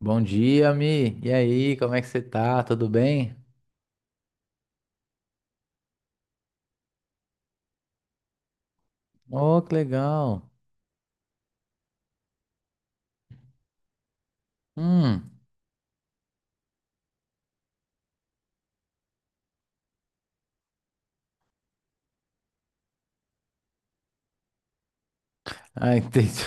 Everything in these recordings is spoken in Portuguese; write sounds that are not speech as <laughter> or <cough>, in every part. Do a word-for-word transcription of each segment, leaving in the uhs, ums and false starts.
Bom dia, Mi. E aí, como é que você tá? Tudo bem? Oh, que legal. Hum. Ah, <laughs> entendi.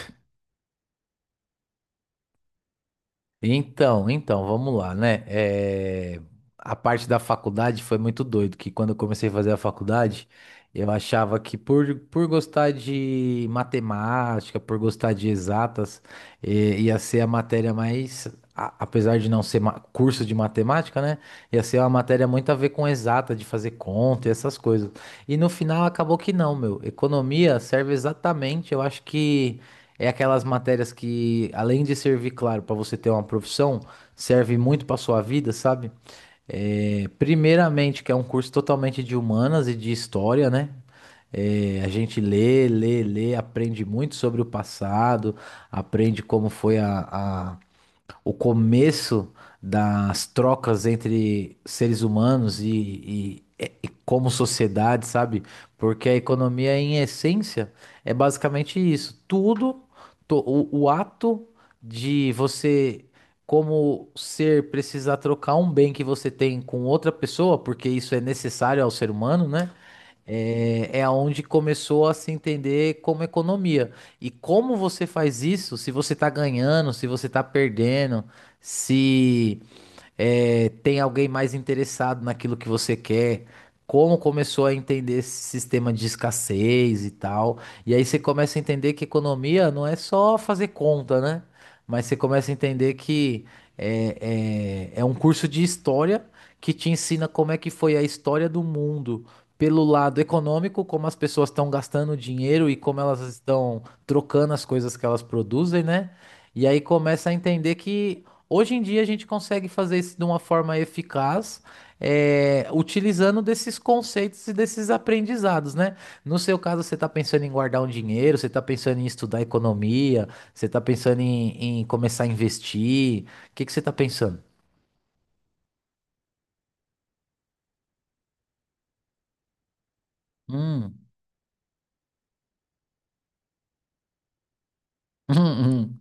Então, então, vamos lá, né? É, A parte da faculdade foi muito doido, que quando eu comecei a fazer a faculdade, eu achava que por, por gostar de matemática, por gostar de exatas, eh, ia ser a matéria mais, a- apesar de não ser ma- curso de matemática, né? Ia ser uma matéria muito a ver com exata, de fazer conta e essas coisas. E no final acabou que não, meu. Economia serve exatamente, eu acho que. É aquelas matérias que, além de servir, claro, para você ter uma profissão, serve muito para sua vida, sabe? É, primeiramente, que é um curso totalmente de humanas e de história, né? É, a gente lê, lê, lê, aprende muito sobre o passado, aprende como foi a, o começo das trocas entre seres humanos e, e- e como sociedade, sabe? Porque a economia, em essência, é basicamente isso. Tudo, to- o, o ato de você, como ser, precisar trocar um bem que você tem com outra pessoa, porque isso é necessário ao ser humano, né? É, é onde começou a se entender como economia. E como você faz isso? Se você tá ganhando, se você tá perdendo, se é, tem alguém mais interessado naquilo que você quer. Como começou a entender esse sistema de escassez e tal. E aí você começa a entender que economia não é só fazer conta, né? Mas você começa a entender que é, é, é um curso de história que te ensina como é que foi a história do mundo pelo lado econômico, como as pessoas estão gastando dinheiro e como elas estão trocando as coisas que elas produzem, né? E aí começa a entender que hoje em dia a gente consegue fazer isso de uma forma eficaz, é, utilizando desses conceitos e desses aprendizados, né? No seu caso, você está pensando em guardar um dinheiro, você está pensando em estudar economia, você está pensando em, em começar a investir. O que que você está pensando? Hum. <laughs> Hum,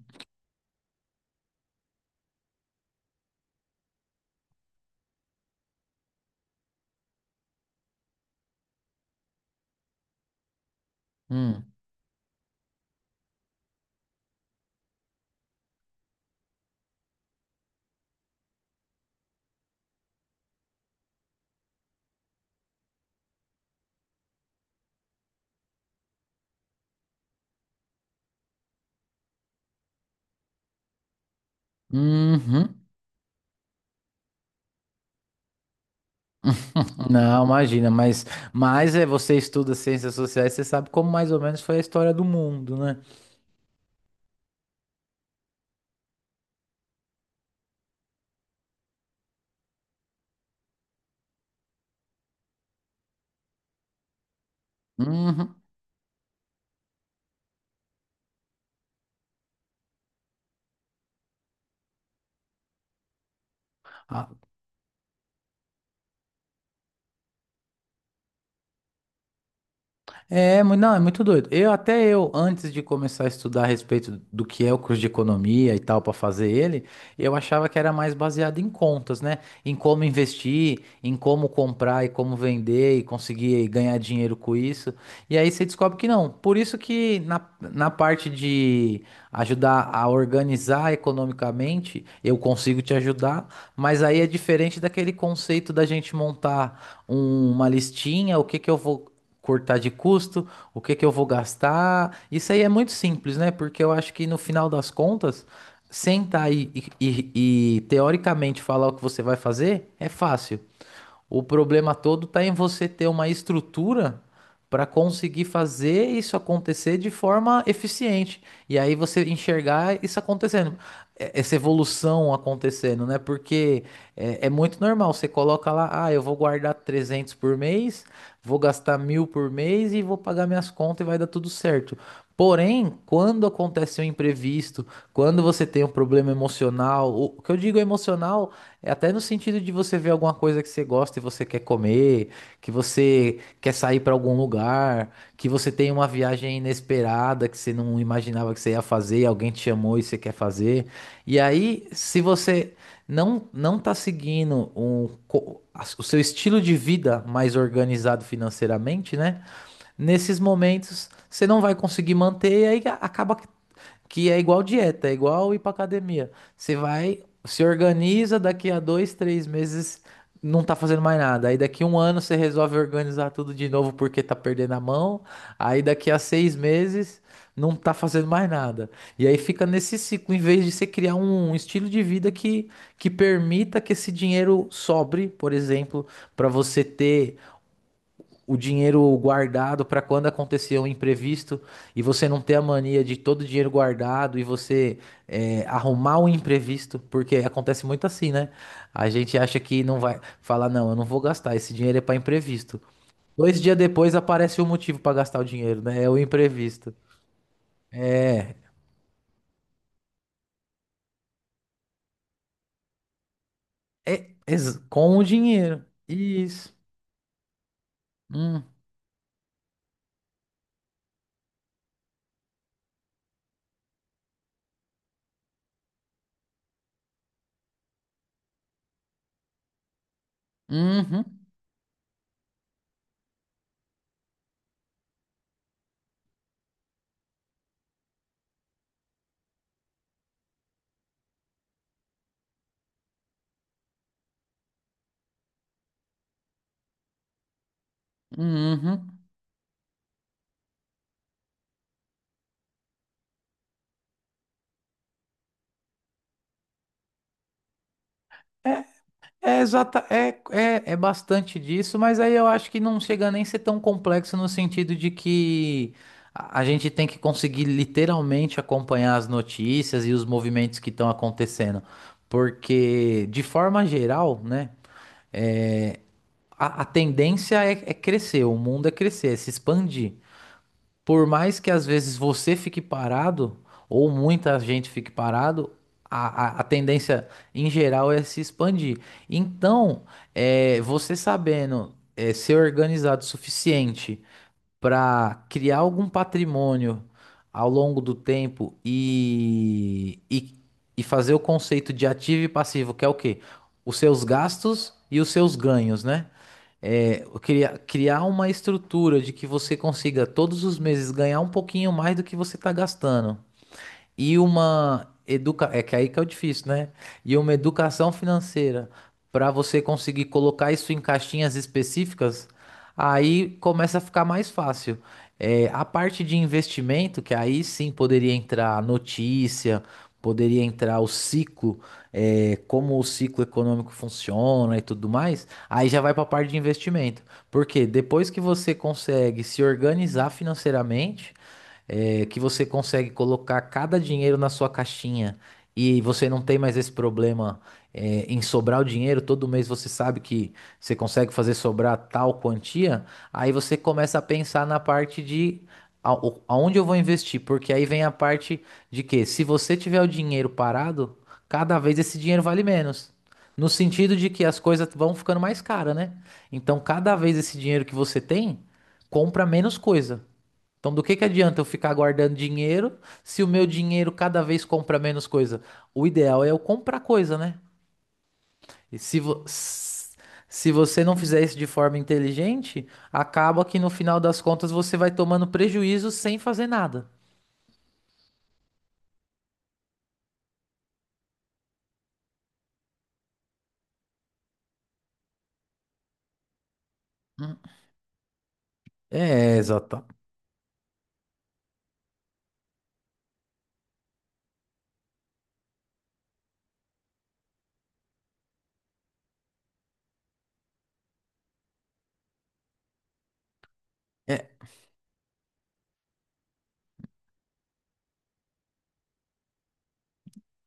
hum, hum, uhum. <laughs> Não, imagina, mas, mas é, você estuda ciências sociais, você sabe como mais ou menos foi a história do mundo, né? Uhum. É, mu- não, é muito doido. Eu até eu, antes de começar a estudar a respeito do que é o curso de economia e tal para fazer ele, eu achava que era mais baseado em contas, né? Em como investir, em como comprar e como vender e conseguir ganhar dinheiro com isso. E aí você descobre que não. Por isso que na, na parte de ajudar a organizar economicamente, eu consigo te ajudar, mas aí é diferente daquele conceito da gente montar um- uma listinha, o que que eu vou cortar de custo, o que que eu vou gastar. Isso aí é muito simples, né? Porque eu acho que no final das contas, sentar e, e, e e, teoricamente falar o que você vai fazer é fácil. O problema todo tá em você ter uma estrutura para conseguir fazer isso acontecer de forma eficiente. E aí você enxergar isso acontecendo, eh, essa evolução acontecendo, né? Porque é, é muito normal, você coloca lá, ah, eu vou guardar trezentos por mês, vou gastar mil por mês e vou pagar minhas contas e vai dar tudo certo. Porém, quando acontece um imprevisto, quando você tem um problema emocional, o o que eu digo emocional é até no sentido de você ver alguma coisa que você gosta e você quer comer, que você quer sair para algum lugar, que você tem uma viagem inesperada que você não imaginava que você ia fazer, e alguém te chamou e você quer fazer. E aí, se você não não tá seguindo um, co- as- o seu estilo de vida mais organizado financeiramente, né? Nesses momentos você não vai conseguir manter e aí a- acaba que é igual dieta, é igual ir pra academia. Você vai, se organiza, daqui a dois, três meses não tá fazendo mais nada. Aí daqui um ano você resolve organizar tudo de novo porque tá perdendo a mão. Aí daqui a seis meses não tá fazendo mais nada. E aí fica nesse ciclo, em vez de você criar um um estilo de vida que, que permita que esse dinheiro sobre, por exemplo, para você ter o dinheiro guardado para quando acontecer um imprevisto e você não ter a mania de todo o dinheiro guardado e você é, arrumar um imprevisto, porque acontece muito assim, né? A gente acha que não vai falar, não, eu não vou gastar, esse dinheiro é para imprevisto. Dois dias depois aparece o motivo para gastar o dinheiro, né? É o imprevisto. É, ex- com o dinheiro. Isso. Hum, uhum, uhum. É, É, exata, é, é, é bastante disso, mas aí eu acho que não chega nem a ser tão complexo no sentido de que a a gente tem que conseguir literalmente acompanhar as notícias e os movimentos que estão acontecendo. Porque, de forma geral, né, é, a, a tendência é, é crescer, o mundo é crescer, é se expandir. Por mais que às vezes você fique parado, ou muita gente fique parado, a, a, a tendência em geral é se expandir. Então, é, você sabendo é, ser organizado o suficiente para criar algum patrimônio ao longo do tempo e, e, e fazer o conceito de ativo e passivo, que é o quê? Os seus gastos e os seus ganhos, né? é, criar, criar uma estrutura de que você consiga todos os meses ganhar um pouquinho mais do que você está gastando e uma educa... É que aí que é o difícil, né? E uma educação financeira para você conseguir colocar isso em caixinhas específicas, aí começa a ficar mais fácil. É, a parte de investimento, que aí sim poderia entrar notícia, poderia entrar o ciclo, é, como o ciclo econômico funciona e tudo mais, aí já vai para a parte de investimento. Porque depois que você consegue se organizar financeiramente, é, que você consegue colocar cada dinheiro na sua caixinha e você não tem mais esse problema, é, em sobrar o dinheiro, todo mês você sabe que você consegue fazer sobrar tal quantia, aí você começa a pensar na parte de a- o- aonde eu vou investir, porque aí vem a parte de que se você tiver o dinheiro parado, cada vez esse dinheiro vale menos. No sentido de que as coisas vão ficando mais caras, né? Então, cada vez esse dinheiro que você tem, compra menos coisa. Então, do que que adianta eu ficar guardando dinheiro se o meu dinheiro cada vez compra menos coisa? O ideal é eu comprar coisa, né? E se, vo- s- Se você não fizer isso de forma inteligente, acaba que no final das contas você vai tomando prejuízo sem fazer nada. Hum, É, exato. É,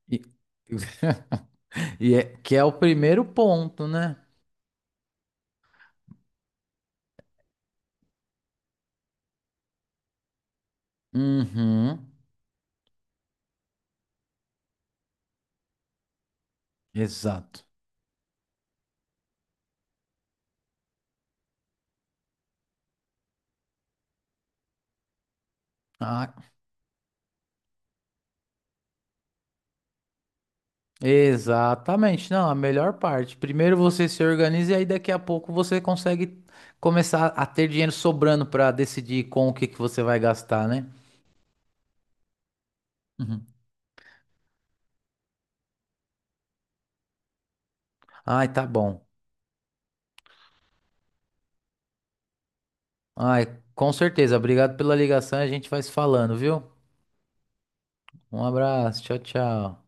e, <laughs> e é que é o primeiro ponto, né? Uhum, exato. Ah, exatamente, não, a melhor parte. Primeiro você se organiza e aí daqui a pouco você consegue começar a ter dinheiro sobrando para decidir com o que que você vai gastar, né? Uhum. Ai, tá bom. Ai, com certeza. Obrigado pela ligação, a gente vai se falando, viu? Um abraço, tchau, tchau.